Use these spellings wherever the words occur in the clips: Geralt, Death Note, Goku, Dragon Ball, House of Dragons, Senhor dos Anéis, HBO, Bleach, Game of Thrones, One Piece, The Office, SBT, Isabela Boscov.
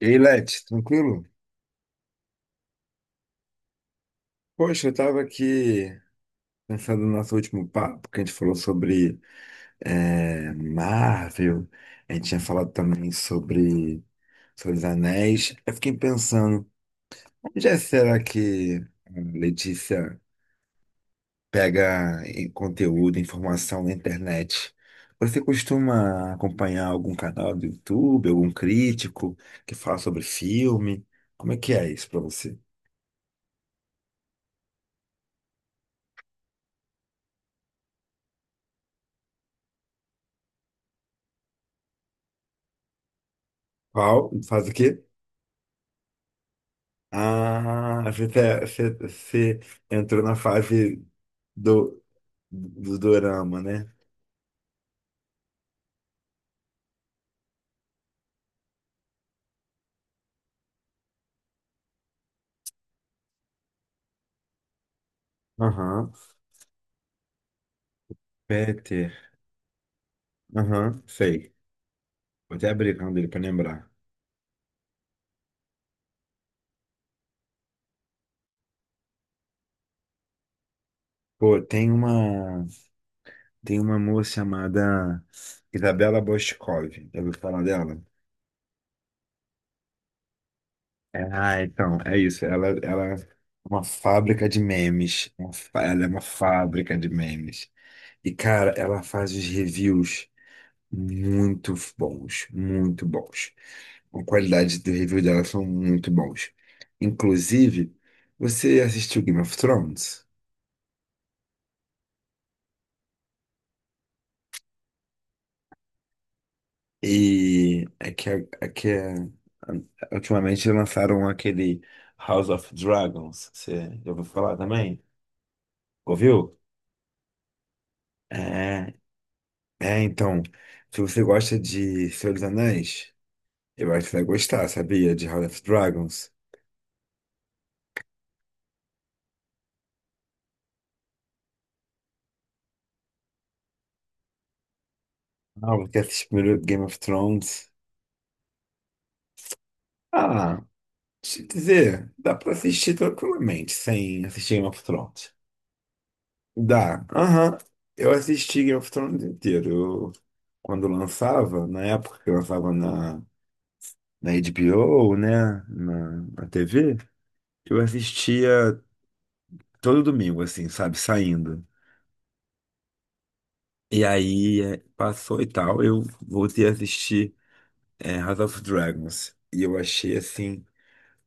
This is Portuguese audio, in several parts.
Ei, Leti, tranquilo? Poxa, eu tava aqui pensando no nosso último papo, que a gente falou sobre Marvel. A gente tinha falado também sobre os Anéis. Eu fiquei pensando, onde será que a Letícia conteúdo, informação na internet? Você costuma acompanhar algum canal do YouTube, algum crítico que fala sobre filme? Como é que é isso pra você? Qual? Faz o quê? Ah, você entrou na fase do, do dorama, né? Aham. Peter. Aham, sei. Vou até abrir o canal dele pra lembrar. Pô, tem uma moça chamada Isabela Boscov. Já ouviu falar dela? É. Ah, então, é isso. Ela é uma fábrica de memes. Ela é uma fábrica de memes. E, cara, ela faz os reviews muito bons, muito bons. A qualidade do review dela são muito bons. Inclusive, você assistiu Game of Thrones? E é que ultimamente lançaram aquele House of Dragons. Você já ouviu falar também? Ouviu? É, é, então, se você gosta de Senhor dos Anéis, eu acho que você vai gostar, sabia? De House of Dragons. Ah, você assistiu primeiro Game of Thrones. Ah, deixa eu te dizer, dá pra assistir tranquilamente sem assistir Game of Thrones. Dá. Aham. Eu assisti Game of Thrones inteiro. Eu, quando lançava, na época que lançava na HBO, né? Na TV, eu assistia todo domingo, assim, sabe? Saindo. E aí passou e tal, eu voltei a assistir House of Dragons. E eu achei, assim,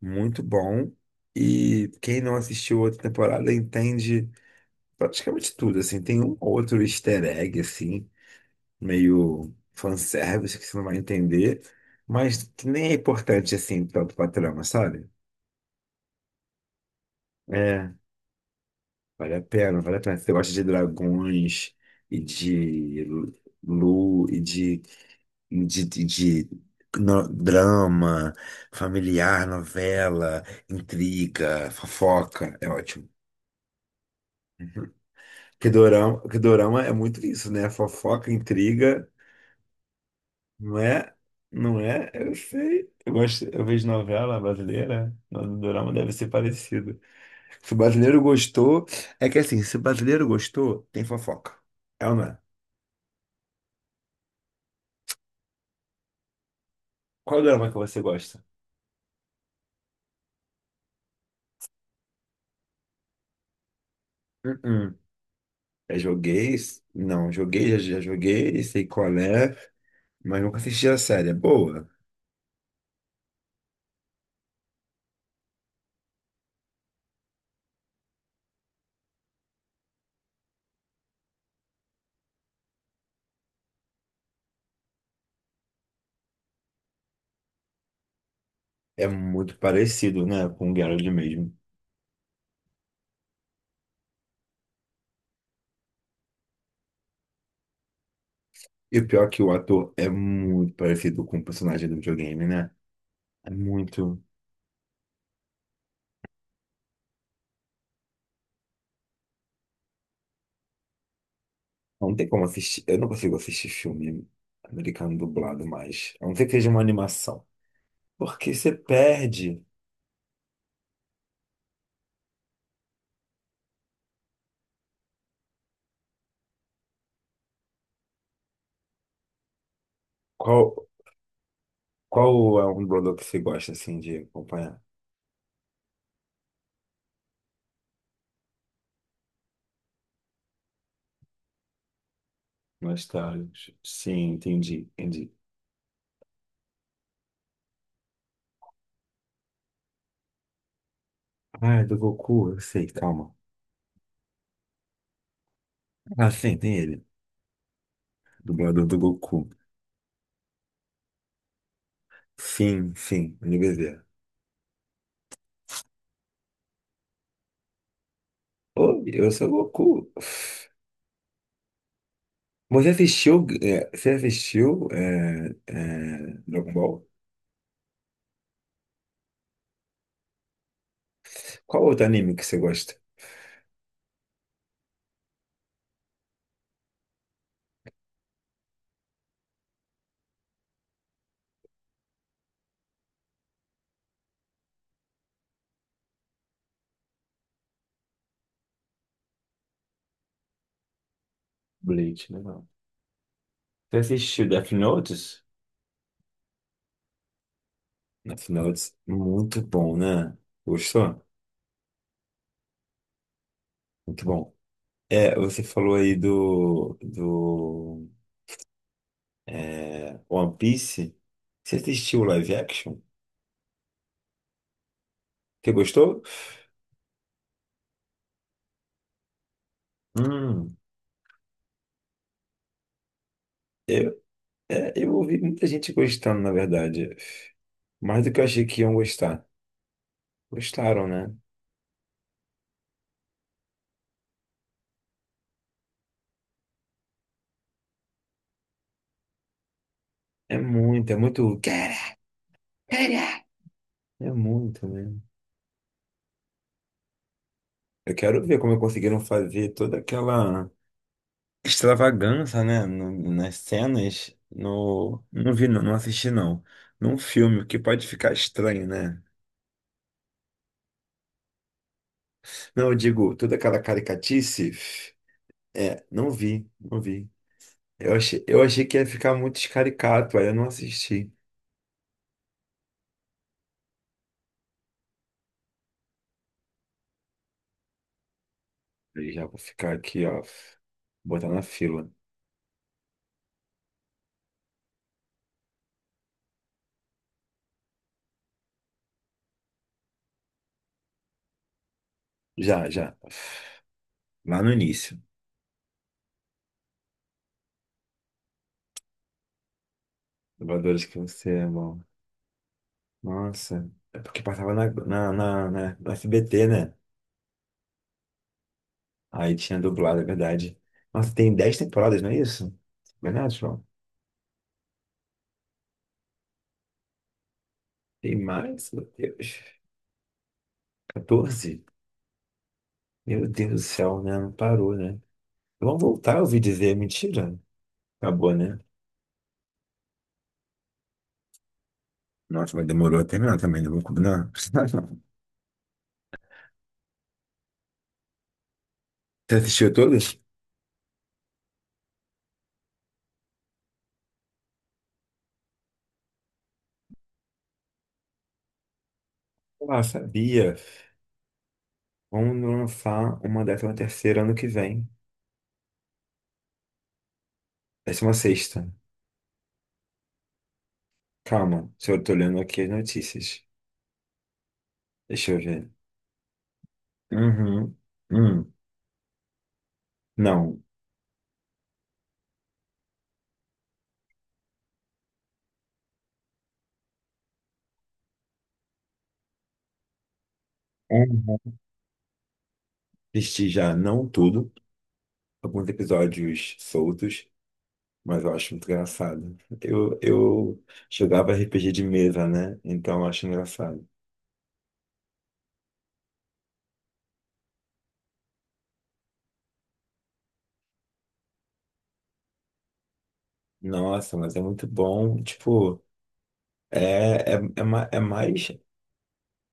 muito bom. E quem não assistiu outra temporada entende praticamente tudo, assim. Tem um ou outro easter egg, assim, meio fanservice que você não vai entender, mas que nem é importante assim tanto pra trama, sabe? É, vale a pena, vale a pena. Se você gosta de dragões e de lu e de no- drama familiar, novela, intriga, fofoca, é ótimo. Que dorama é muito isso, né? Fofoca, intriga. Não é? Não é? Eu sei. Eu gosto, eu vejo novela brasileira, no dorama deve ser parecido. Se o brasileiro gostou, é que assim, Se o brasileiro gostou, tem fofoca. É ou não é? Qual dorama que você gosta? Uh-uh. Já já joguei, sei qual é, mas nunca assisti a série. É boa. É muito parecido, né, com o Geralt mesmo. E o pior é que o ator é muito parecido com o personagem do videogame, né? É muito. Não tem como assistir. Eu não consigo assistir filme americano dublado mais. A não ser que seja uma animação. Porque você perde. Qual, qual é um dublador que você gosta, assim, de acompanhar? Nostálgico. Sim, entendi, entendi. Ah, é do Goku, eu sei, calma. Ah, sim, tem ele. Dublador do Goku. Sim, sim, NBZ. Oi, eu sou o Goku. Você você assistiu Dragon Ball? Qual outro anime que você gosta? Bleach, né? Você assistiu Death Notes? Death Notes, muito bom, né? Gostou? Muito bom. É, você falou aí do One Piece. Você assistiu o live action? Você gostou? Hum. Eu, eu ouvi muita gente gostando, na verdade. Mais do que eu achei que iam gostar. Gostaram, né? É muito, é muito. Cara, cara! É muito, né? Eu quero ver como conseguiram fazer toda aquela extravagância, né, nas cenas, não vi, não assisti, não. Num filme, o que pode ficar estranho, né? Não, eu digo, toda aquela caricatice, não vi, não vi. Eu achei que ia ficar muito escaricato, aí eu não assisti. E já vou ficar aqui, ó, botar na fila. Já, já. Lá no início. Dubladores que você ama. Nossa, é porque passava na SBT, né? Aí tinha dublado, é verdade. Nossa, tem 10 temporadas, não é isso? Verdade, João? Tem mais? Meu Deus. 14? Meu Deus do céu, né? Não parou, né? Vamos voltar, eu ouvi dizer. Mentira. Acabou, né? Nossa, mas demorou a terminar também, não vou combinar. Você assistiu todas? Ah, sabia. Vamos lançar uma décima terceira ano que vem. Décima sexta. Calma, se eu tô olhando aqui as notícias. Deixa eu ver. Uhum. Hum. Não. Uhum. Assisti já, não tudo, alguns episódios soltos, mas eu acho muito engraçado. Eu jogava RPG de mesa, né? Então eu acho engraçado. Nossa, mas é muito bom. Tipo, é mais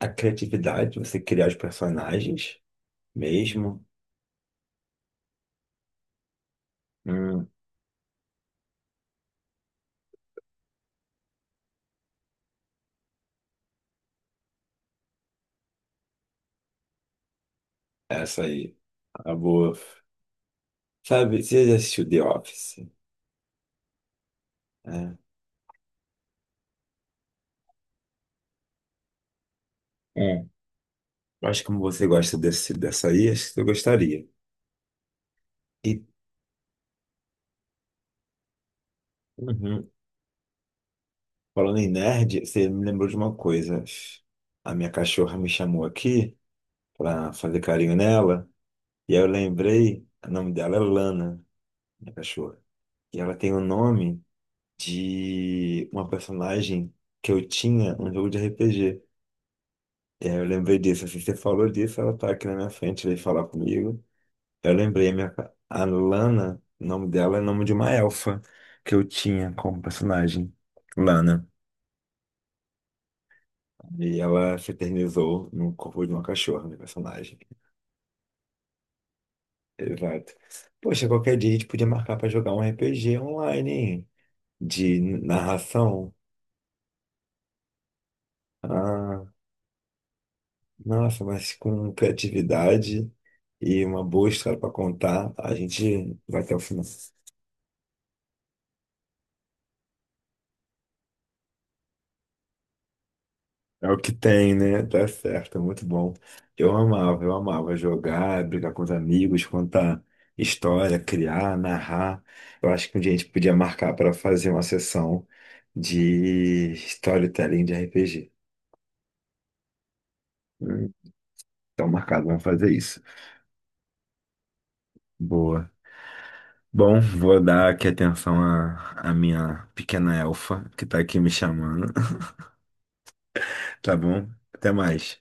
a criatividade, você criar os personagens mesmo. Hum, essa aí. A boa. Sabe, você já assistiu The Office? Né? Hum. Eu acho que como você gosta dessa aí, acho que você gostaria. E, uhum. Falando em nerd, você me lembrou de uma coisa. A minha cachorra me chamou aqui pra fazer carinho nela, e aí eu lembrei, o nome dela é Lana, minha cachorra. E ela tem o nome de uma personagem que eu tinha num jogo de RPG. E aí eu lembrei disso, assim, você falou disso, ela tá aqui na minha frente, veio falar comigo. Eu lembrei, a Lana, o nome dela é o nome de uma elfa que eu tinha como personagem, Lana. E ela se eternizou no corpo de uma cachorra, minha personagem. Exato. Poxa, qualquer dia a gente podia marcar pra jogar um RPG online, hein? De narração. Ah, nossa, mas com criatividade e uma boa história pra contar, a gente vai até o final. É o que tem, né? Tá certo, é muito bom. Eu amava jogar, brigar com os amigos, contar história, criar, narrar. Eu acho que um dia a gente podia marcar para fazer uma sessão de storytelling de RPG. Hum, Então, marcado, vamos fazer isso. Boa. Bom, vou dar aqui atenção à minha pequena elfa, que tá aqui me chamando. Tá bom? Até mais.